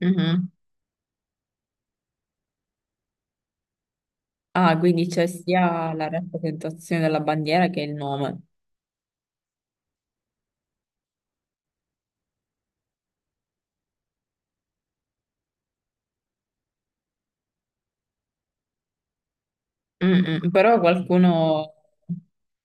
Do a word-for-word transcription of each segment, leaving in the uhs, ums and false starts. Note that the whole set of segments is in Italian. Mhm. Ah, quindi c'è sia la rappresentazione della bandiera che il nome. Mm, mm, però qualcuno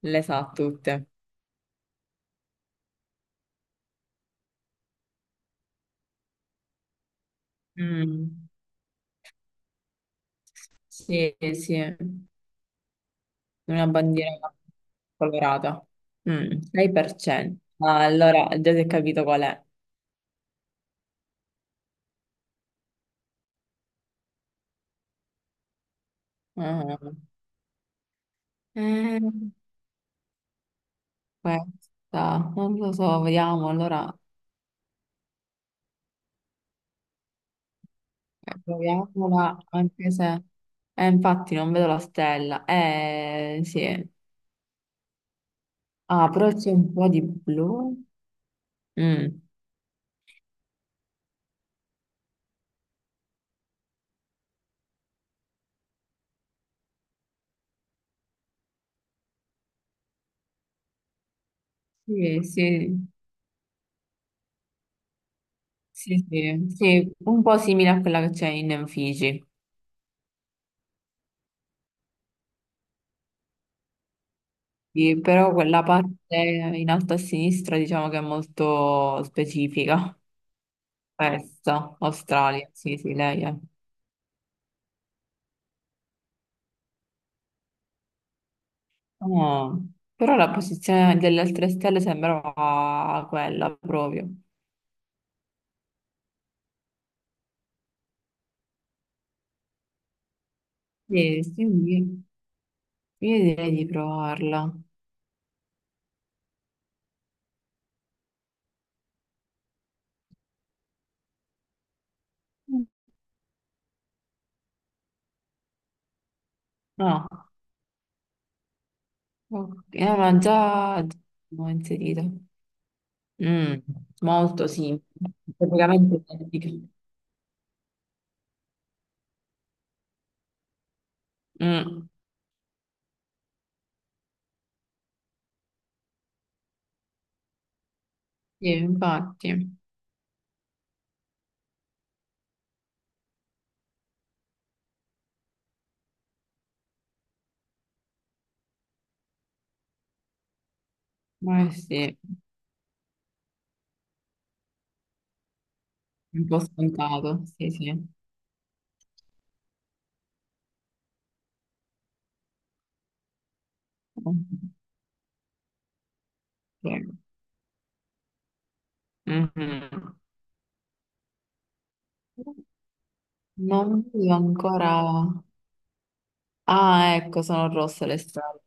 le sa tutte. Mm. Sì, sì, una bandiera colorata. Mm, sei per cento. Ah, allora, già si è capito qual è. Ah. Eh, questa, non lo so, vediamo, allora, proviamola, anche se. Eh, infatti non vedo la stella. Eh, sì. Ah, però c'è un po' di blu. Mm. Sì, sì, sì, sì, sì, un po' simile a quella che c'è in Fiji. Sì, però quella parte in alto a sinistra diciamo che è molto specifica. Questa, Australia, sì, sì, lei è. Oh, però la posizione delle altre stelle sembrava quella proprio. Sì, sì, io io direi di provarla. No, ok, eh, ma già l'ho inserita. Mm, molto sì, praticamente identiche. Mm, sì, infatti, ma sì, un po' scontato, sì, sì. Ok. Mhm. Non vedo ancora. Ah, ecco, sono rosse le strade.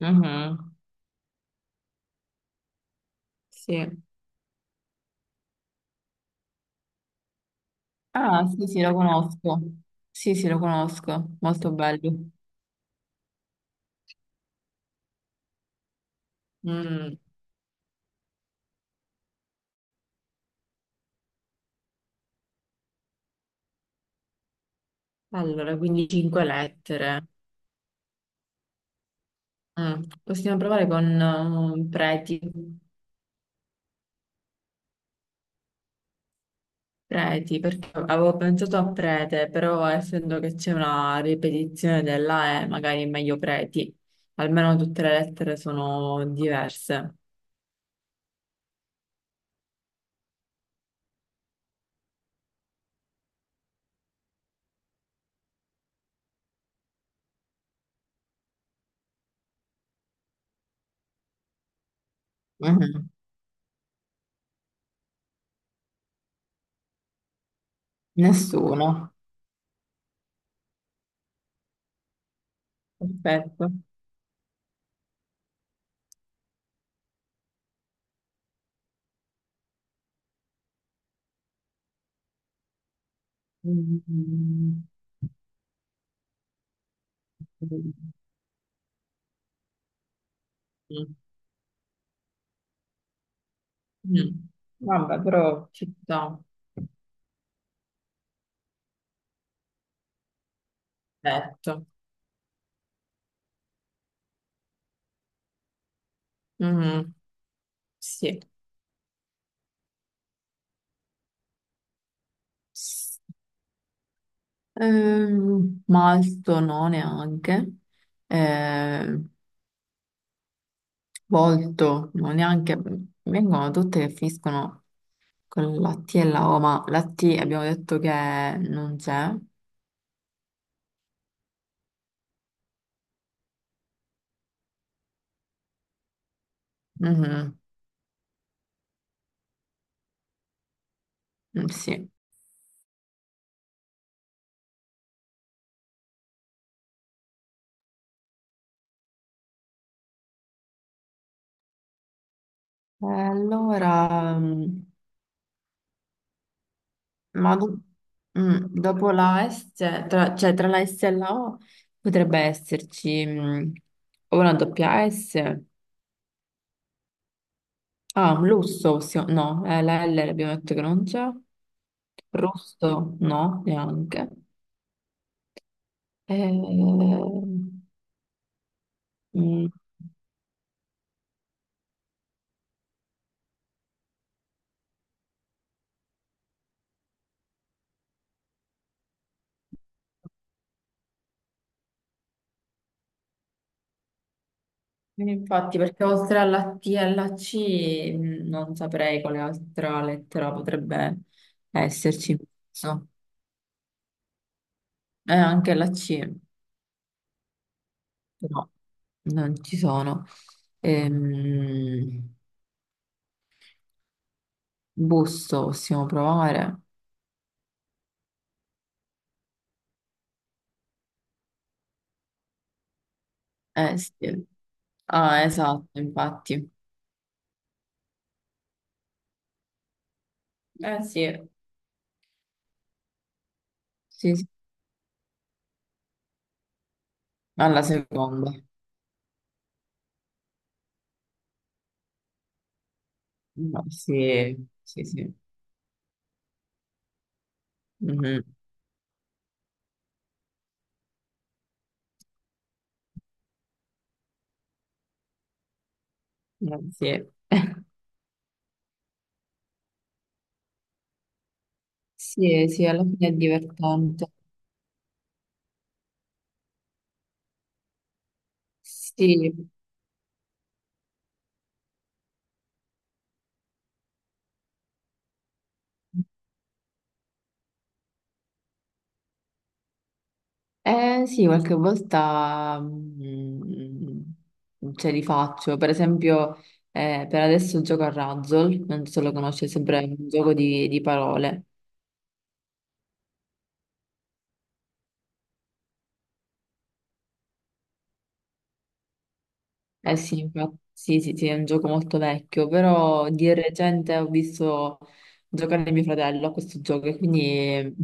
Mhm, sì. Ah, sì, sì, lo conosco. Sì, sì, lo conosco, molto bello. Mm, allora, quindi cinque lettere. Mm, possiamo provare con um, preti. Preti, perché avevo pensato a prete, però essendo che c'è una ripetizione della E, magari è meglio preti, almeno tutte le lettere sono diverse. Mhm. Nessuno. Perfetto. Mm. Mm. Mm. Vabbè, però città, letto. Mhm, sì. Ehm, Malto no neanche. Ehm, Molto, non neanche, vengono tutte che finiscono con la T e la O, ma la T abbiamo detto che non c'è. Mhm, mm, sì. E allora, mm, ma do- mm, dopo la S, tra, cioè tra la S e la O potrebbe esserci mm, o una doppia S, ah, un lusso, possiamo- no, eh, la L abbiamo detto che non c'è, rosso no, neanche. E. Mm, infatti, perché oltre alla T e alla C mm, non saprei quale altra lettera potrebbe esserci in mezzo. E anche la C, però non ci sono. Ehm, Busto possiamo provare. Eh sì. Ah, esatto, infatti. Eh sì. Sì, sì. Alla seconda. No, sì, sì, sì. Mhm. Eh, sì. Sì, sì, alla fine è divertente. Sì, eh sì, qualche volta mm, ce li faccio. Per esempio, eh, per adesso gioco a Razzle, non so se lo conosci, è sempre un gioco di, di parole. Eh sì, infatti, sì, sì, sì, è un gioco molto vecchio, però di recente ho visto giocare mio fratello a questo gioco e quindi,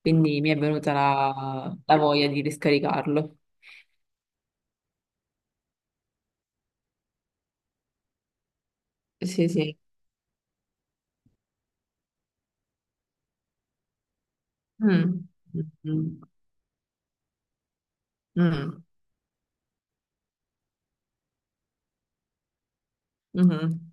quindi mi è venuta la, la voglia di riscaricarlo. Sì, sì. Mm. Mm. Mm. Mhm.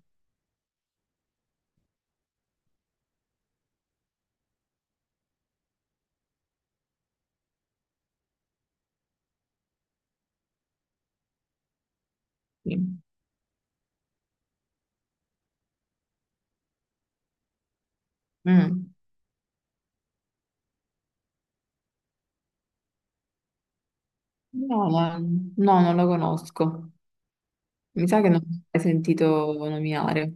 Sì. Mm. No, ma no, non lo conosco. Mi sa che non l'ho mai sentito nominare.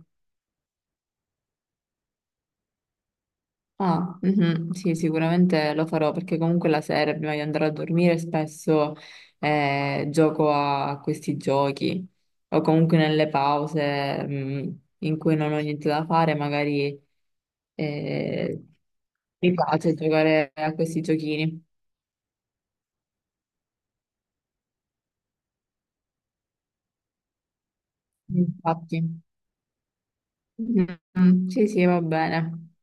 Ah, mhm, sì, sicuramente lo farò perché comunque la sera prima di andare a dormire spesso eh, gioco a questi giochi o comunque nelle pause mh, in cui non ho niente da fare, magari eh, mi piace giocare a questi giochini. Infatti. Mhm, sì, sì, va bene.